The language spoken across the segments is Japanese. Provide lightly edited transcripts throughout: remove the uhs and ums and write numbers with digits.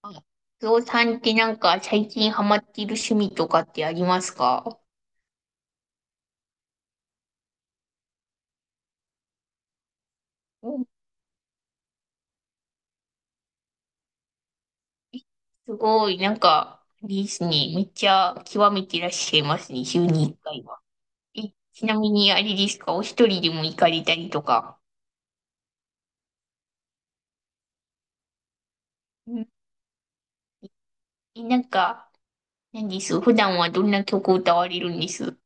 あ、ゾさんってなんか最近ハマっている趣味とかってありますか？うん。えすごい、なんか、あれですね。めっちゃ極めていらっしゃいますね。週に1回は。え、ちなみにあれですかお一人でも行かれたりとか。うん。え、なんか、何です普段はどんな曲を歌われるんです？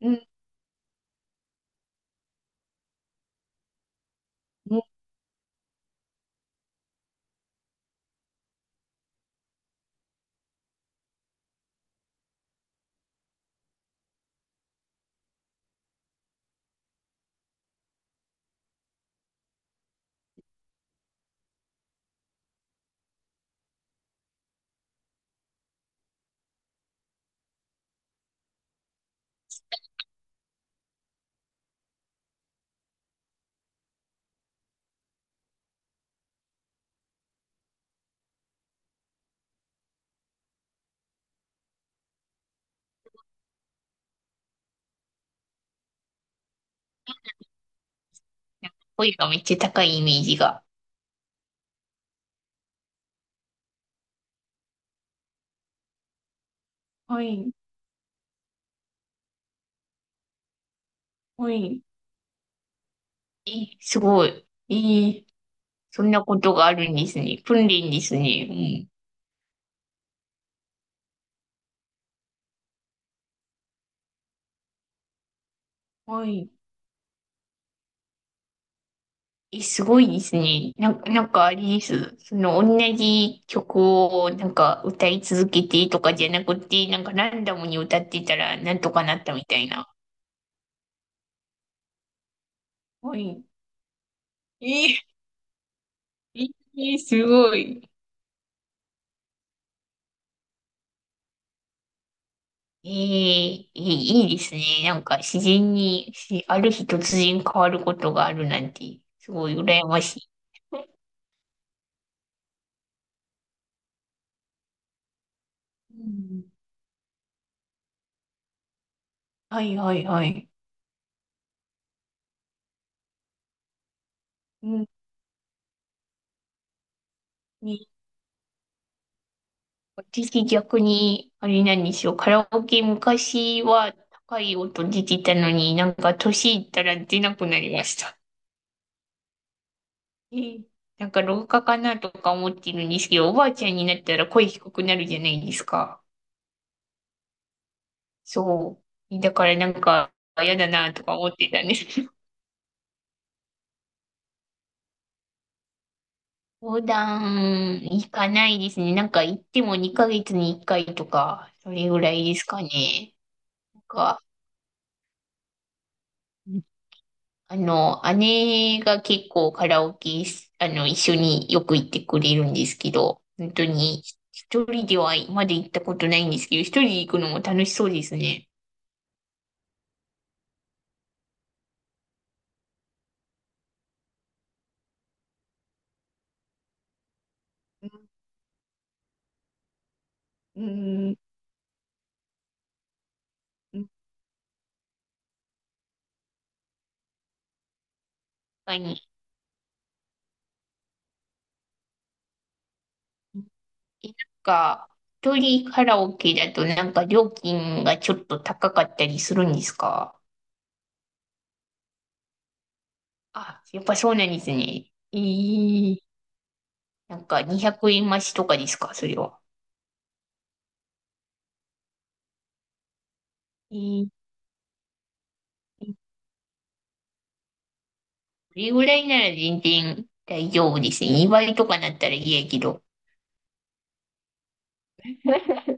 うん、うん。なんか声がめっちゃ高いイメージが。はい、はい。え、すごい。そんなことがあるんですね。訓練ですね。はい。え、すごいですね。なんかあれです。その、同じ曲をなんか歌い続けてとかじゃなくて、なんかランダムに歌ってたらなんとかなったみたいな。はい。えー、すごい。いいいいですね。なんか自然に、ある日突然変わることがあるなんて、すごい羨ましい。うん。はいはいはい。うん、ね、私逆に、あれなんですよ。カラオケ昔は高い音出てたのになんか年いったら出なくなりました。えーなんか老化かなとか思ってるんですけど、おばあちゃんになったら声低くなるじゃないですか。そう。だからなんか嫌だなとか思ってたんです。横断行かないですね。なんか行っても2ヶ月に1回とか、それぐらいですかね。なんか、姉が結構カラオケし、あの、一緒によく行ってくれるんですけど、本当に一人ではまだ行ったことないんですけど、一人で行くのも楽しそうですね。うん、確かに。なんか、一人カラオケだとなんか料金がちょっと高かったりするんですか？あ、やっぱそうなんですね。なんか200円増しとかですかそれは？えーこれぐらいなら全然大丈夫ですね。2倍とかなったら嫌やけど。えー、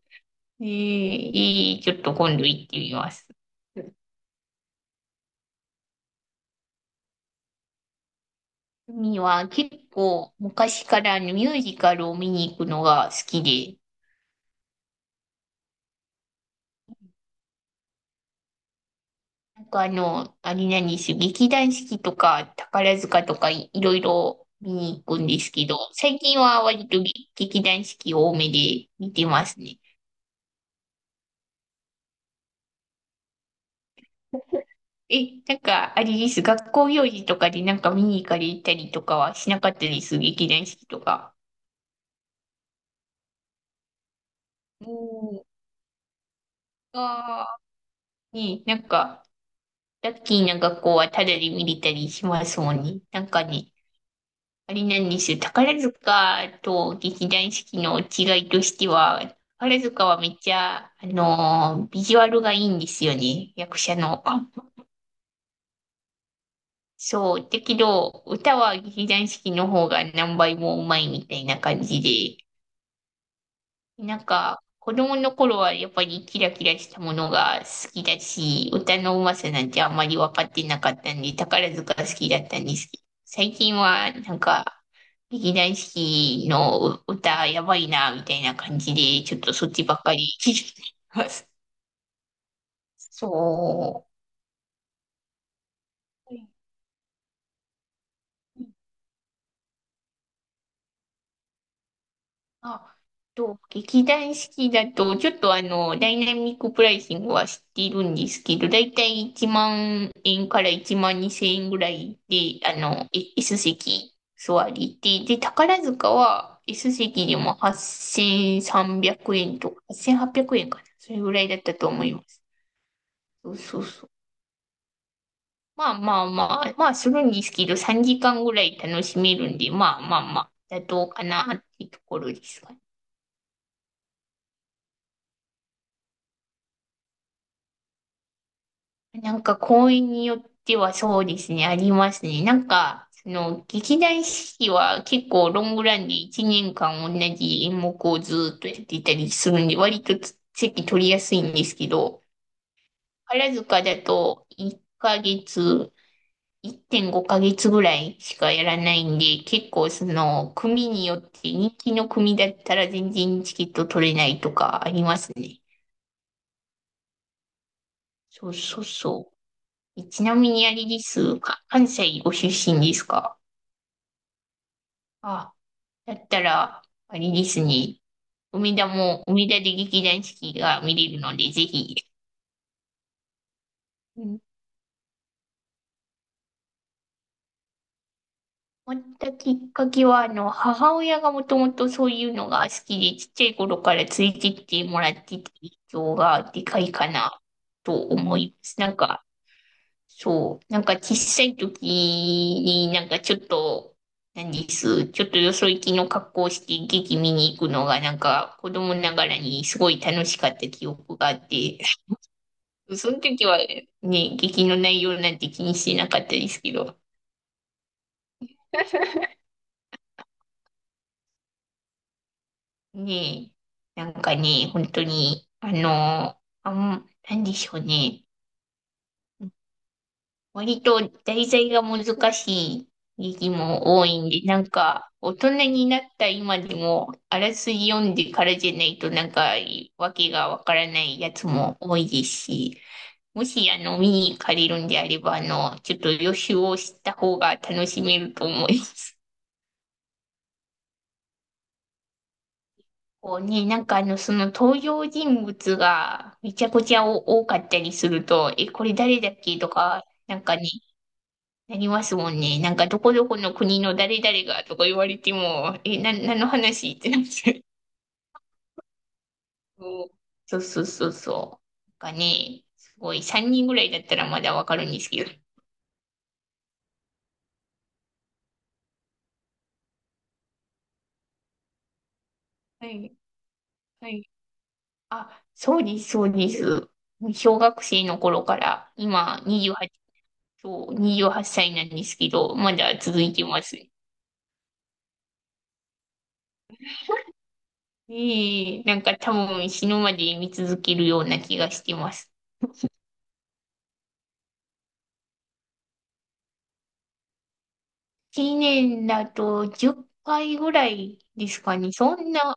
ちょっと今度行ってみます。海は結構昔からあのミュージカルを見に行くのが好きで、なんかあれなんですよ、劇団四季とか宝塚とかいろいろ見に行くんですけど、最近は割と劇団四季多めで見てますね。え、なんか、あれです。学校行事とかでなんか見に行かれたりとかはしなかったです？劇団四季とか。うん、ああ、ね、なんか、ラッキーな学校はタダで見れたりしますもんね。なんかね、あれなんですよ。宝塚と劇団四季の違いとしては、宝塚はめっちゃ、ビジュアルがいいんですよね。役者の。そう。だけど、歌は劇団四季の方が何倍もうまいみたいな感じで。なんか、子供の頃はやっぱりキラキラしたものが好きだし、歌のうまさなんてあんまり分かってなかったんで、宝塚好きだったんですけど、最近はなんか、劇団四季の歌やばいな、みたいな感じで、ちょっとそっちばっかり聞いてます。そう。あ、劇団四季だと、ちょっとダイナミックプライシングは知っているんですけど、だいたい1万円から1万2千円ぐらいで、S 席座りで、で、宝塚は S 席でも8300円とか、8800円かな。それぐらいだったと思います。そうそうそう。まあまあまあ、まあするんですけど、3時間ぐらい楽しめるんで、まあまあまあ、妥当かなっていうところですかね？なんか公演によってはそうですね、ありますね。なんか、その、劇団四季は結構ロングランで1年間同じ演目をずっとやっていたりするんで、割と席取りやすいんですけど、宝塚だと1ヶ月、1.5ヶ月ぐらいしかやらないんで、結構その、組によって人気の組だったら全然チケット取れないとかありますね。そうそうそう。ちなみにあれですか、関西ご出身ですか？あ、だったら、あれですね、梅田で劇団四季が見れるので、ぜひ。うん。終わったきっかけは、母親がもともとそういうのが好きで、ちっちゃい頃からついてってもらってた影響がでかいかなと思います。なんか、そう。なんか小さい時になんかちょっと、なんです。ちょっとよそ行きの格好をして劇見に行くのがなんか子供ながらにすごい楽しかった記憶があって、その時はね、劇の内容なんて気にしてなかったですけど、ねえ、なんかね、本当に、なんでしょうね。割と題材が難しい時期も多いんで、なんか、大人になった今でも、あらすじ読んでからじゃないと、なんか、わけがわからないやつも多いですし、もし、見に行かれるんであれば、ちょっと予習をした方が楽しめると思います。こうね、なんかその登場人物がめちゃくちゃ多かったりすると、え、これ誰だっけとか、なんかね、なりますもんね。なんか、どこどこの国の誰々がとか言われても、え、何の話ってなっちゃう。そうそうそうそうそう。なんかね、すごい、3人ぐらいだったらまだわかるんですけど。はい、はい。あ、そうです、そうです。小学生の頃から、今、28、そう28歳なんですけど、まだ続いてます。ええ、なんか多分死ぬまで見続けるような気がしてます。1年だと10回ぐらいですかね。そんな、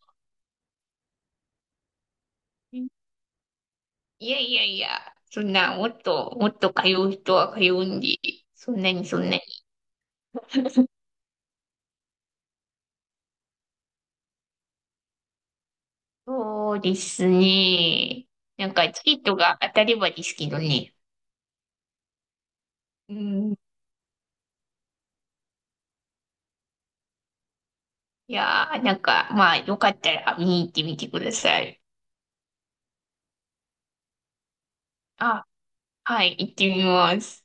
いやいやいや、そんな、もっと通う人は通うんで、そんなにそんなに。そうですね。なんか、チケットが当たればですけどね。うん。いやー、なんか、まあ、よかったら見に行ってみてください。あ、はい、行ってみます。